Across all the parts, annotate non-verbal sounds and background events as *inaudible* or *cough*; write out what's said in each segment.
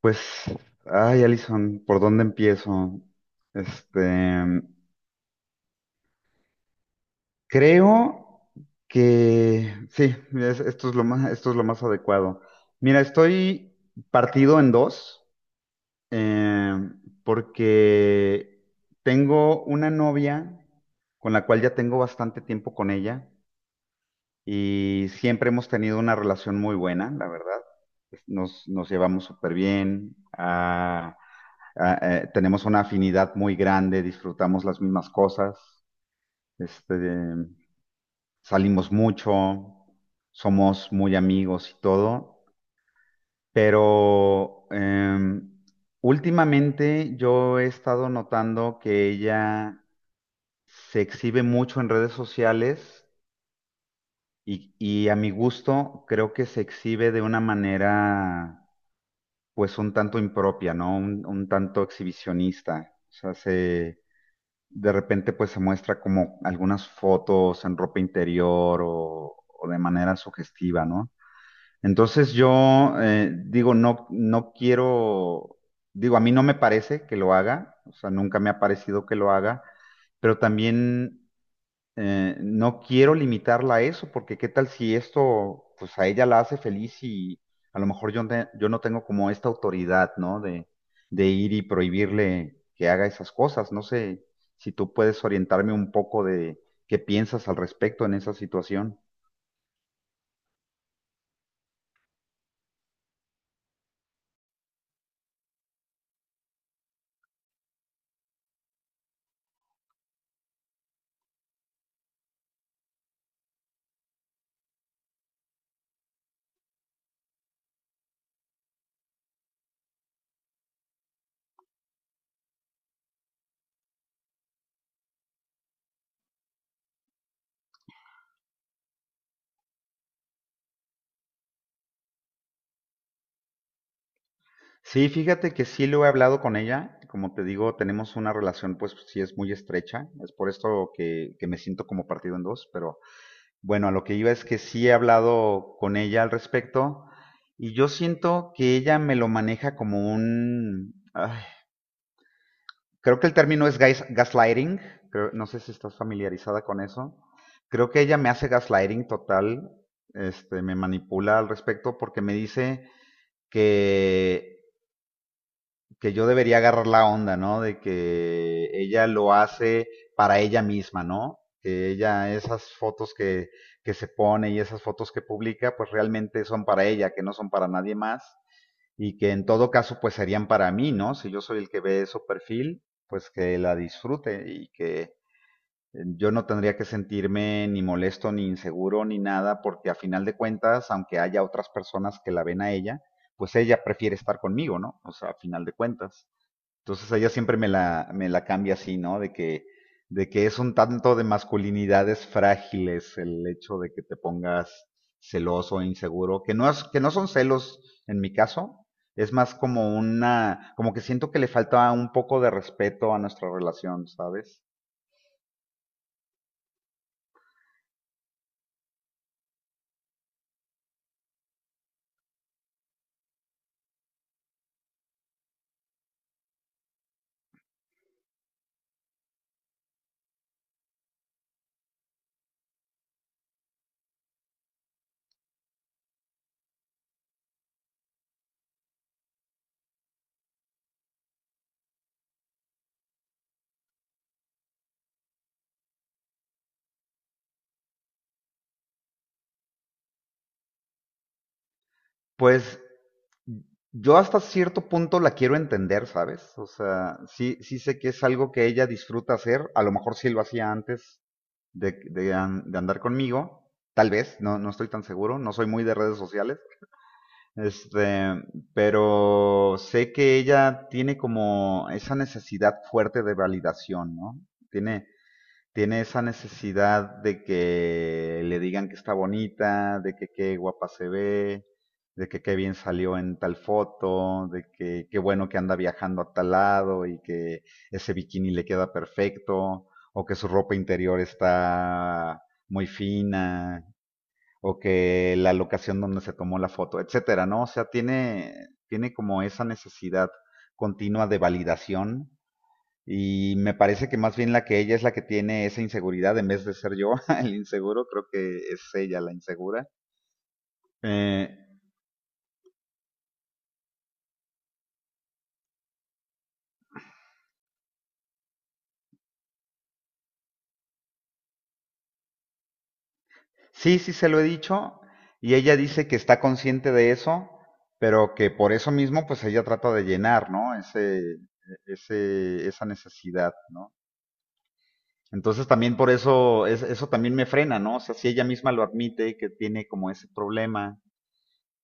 Pues, ay, Alison, ¿por dónde empiezo? Este, creo que sí, esto es lo más, esto es lo más adecuado. Mira, estoy partido en dos, eh, porque tengo una novia con la cual ya tengo bastante tiempo con ella y siempre hemos tenido una relación muy buena, la verdad. Nos llevamos súper bien. Tenemos una afinidad muy grande, disfrutamos las mismas cosas, este, salimos mucho, somos muy amigos y todo, pero últimamente yo he estado notando que ella se exhibe mucho en redes sociales y a mi gusto creo que se exhibe de una manera pues un tanto impropia, ¿no? Un tanto exhibicionista. O sea, se, de repente pues se muestra como algunas fotos en ropa interior o de manera sugestiva, ¿no? Entonces yo digo, no, no quiero, digo, a mí no me parece que lo haga, o sea, nunca me ha parecido que lo haga, pero también no quiero limitarla a eso, porque qué tal si esto, pues a ella la hace feliz y a lo mejor yo, yo no tengo como esta autoridad, ¿no? De ir y prohibirle que haga esas cosas. No sé si tú puedes orientarme un poco de qué piensas al respecto en esa situación. Sí, fíjate que sí lo he hablado con ella. Como te digo, tenemos una relación, pues sí es muy estrecha. Es por esto que me siento como partido en dos, pero bueno, a lo que iba es que sí he hablado con ella al respecto y yo siento que ella me lo maneja como un... ay, creo que el término es gaslighting, creo- no sé si estás familiarizada con eso. Creo que ella me hace gaslighting total, me manipula al respecto porque me dice que que yo debería agarrar la onda, ¿no? De que ella lo hace para ella misma, ¿no? Que ella, esas fotos que se pone y esas fotos que publica, pues realmente son para ella, que no son para nadie más. Y que en todo caso, pues serían para mí, ¿no? Si yo soy el que ve su perfil, pues que la disfrute y que yo no tendría que sentirme ni molesto, ni inseguro, ni nada, porque a final de cuentas, aunque haya otras personas que la ven a ella, pues ella prefiere estar conmigo, ¿no? O sea, a final de cuentas. Entonces ella siempre me la cambia así, ¿no? De que es un tanto de masculinidades frágiles el hecho de que te pongas celoso e inseguro, que no es, que no son celos en mi caso, es más como una, como que siento que le falta un poco de respeto a nuestra relación, ¿sabes? Pues yo hasta cierto punto la quiero entender, ¿sabes? O sea, sí, sí sé que es algo que ella disfruta hacer. A lo mejor sí lo hacía antes de, de andar conmigo. Tal vez, no, no estoy tan seguro. No soy muy de redes sociales. Este, pero sé que ella tiene como esa necesidad fuerte de validación, ¿no? Tiene, tiene esa necesidad de que le digan que está bonita, de que qué guapa se ve, de que qué bien salió en tal foto, de que qué bueno que anda viajando a tal lado y que ese bikini le queda perfecto, o que su ropa interior está muy fina, o que la locación donde se tomó la foto, etcétera, ¿no? O sea, tiene, tiene como esa necesidad continua de validación y me parece que más bien la que ella es la que tiene esa inseguridad en vez de ser yo *laughs* el inseguro, creo que es ella la insegura. Eh, sí, sí se lo he dicho y ella dice que está consciente de eso, pero que por eso mismo pues ella trata de llenar, ¿no? Ese, esa necesidad, ¿no? Entonces también por eso, eso también me frena, ¿no? O sea, si ella misma lo admite, que tiene como ese problema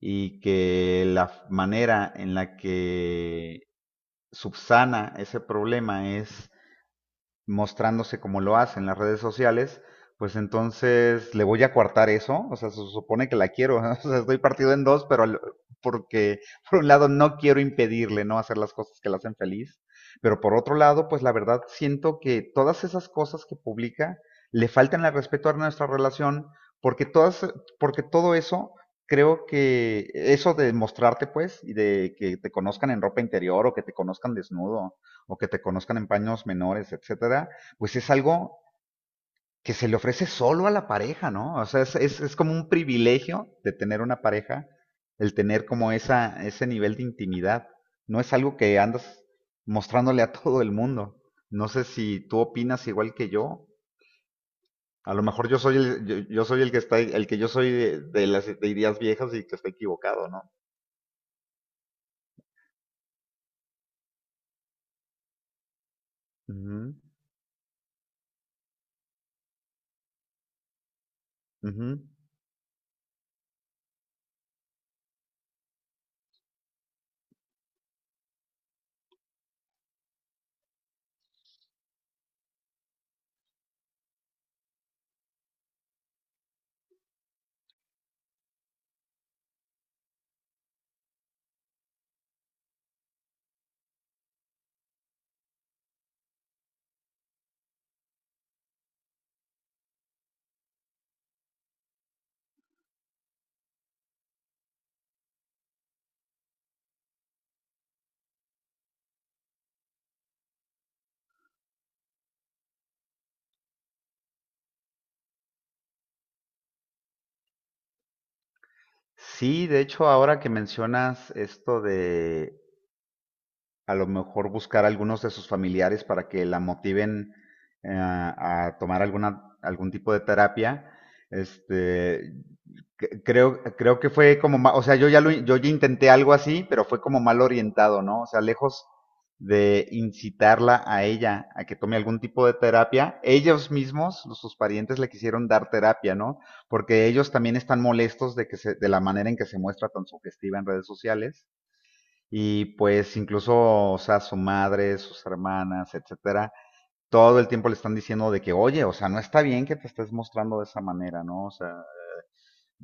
y que la manera en la que subsana ese problema es mostrándose como lo hace en las redes sociales, pues entonces le voy a coartar eso, o sea, se supone que la quiero, *laughs* ¿no? O sea, estoy partido en dos, pero porque por un lado no quiero impedirle no hacer las cosas que la hacen feliz, pero por otro lado, pues la verdad siento que todas esas cosas que publica le faltan el respeto a nuestra relación, porque todas, porque todo eso creo que eso de mostrarte pues y de que te conozcan en ropa interior o que te conozcan desnudo, o que te conozcan en paños menores, etcétera, pues es algo que se le ofrece solo a la pareja, ¿no? O sea, es como un privilegio de tener una pareja, el tener como esa, ese nivel de intimidad. No es algo que andas mostrándole a todo el mundo. No sé si tú opinas igual que yo. A lo mejor yo soy el, yo soy el que está, el que yo soy de las ideas viejas y que está equivocado, ¿no? Ujú, ujú. Sí, de hecho, ahora que mencionas esto de a lo mejor buscar a algunos de sus familiares para que la motiven a tomar alguna, algún tipo de terapia. Este, creo, creo que fue como, o sea, yo ya lo, yo ya intenté algo así, pero fue como mal orientado, ¿no? O sea, lejos de incitarla a ella a que tome algún tipo de terapia, ellos mismos, sus parientes, le quisieron dar terapia, ¿no? Porque ellos también están molestos de que se, de la manera en que se muestra tan sugestiva en redes sociales y pues incluso, o sea, su madre, sus hermanas, etcétera, todo el tiempo le están diciendo de que, oye, o sea, no está bien que te estés mostrando de esa manera, ¿no? O sea,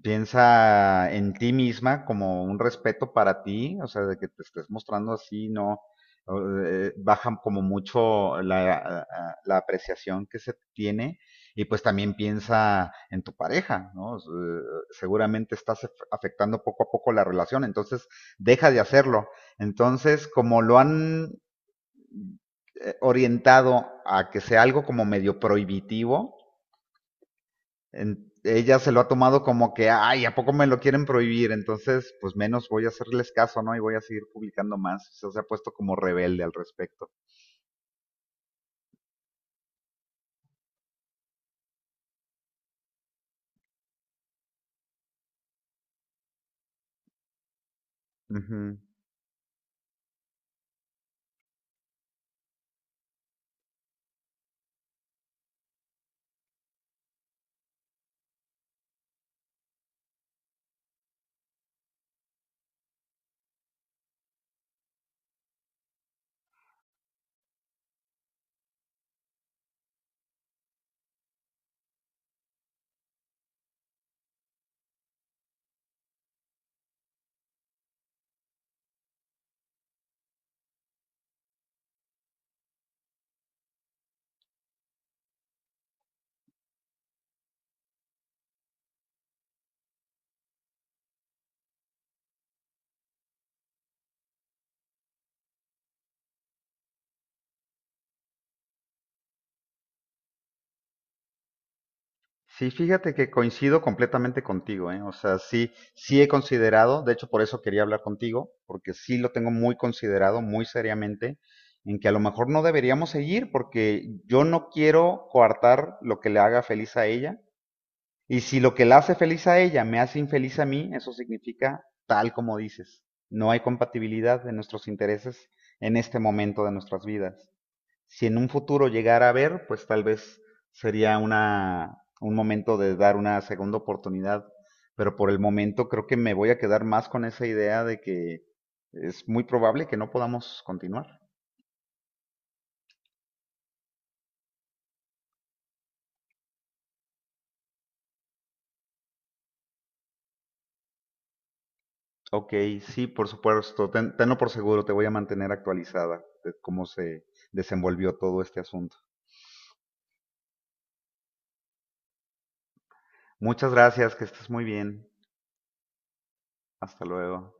piensa en ti misma como un respeto para ti, o sea, de que te estés mostrando así, no bajan como mucho la, la apreciación que se tiene y pues también piensa en tu pareja, ¿no? Seguramente estás afectando poco a poco la relación, entonces deja de hacerlo. Entonces, como lo han orientado a que sea algo como medio prohibitivo, ella se lo ha tomado como que, ay, ¿a poco me lo quieren prohibir? Entonces, pues menos voy a hacerles caso, ¿no? Y voy a seguir publicando más. O sea, se ha puesto como rebelde al respecto. Ujú. Sí, fíjate que coincido completamente contigo, ¿eh? O sea, sí, sí he considerado, de hecho por eso quería hablar contigo, porque sí lo tengo muy considerado, muy seriamente, en que a lo mejor no deberíamos seguir, porque yo no quiero coartar lo que le haga feliz a ella, y si lo que la hace feliz a ella me hace infeliz a mí, eso significa tal como dices. No hay compatibilidad de nuestros intereses en este momento de nuestras vidas. Si en un futuro llegara a haber, pues tal vez sería una, un momento de dar una segunda oportunidad. Pero por el momento creo que me voy a quedar más con esa idea de que es muy probable que no podamos continuar. Ok, sí, por supuesto. Tenlo por seguro, te voy a mantener actualizada de cómo se desenvolvió todo este asunto. Muchas gracias, que estés muy bien. Hasta luego.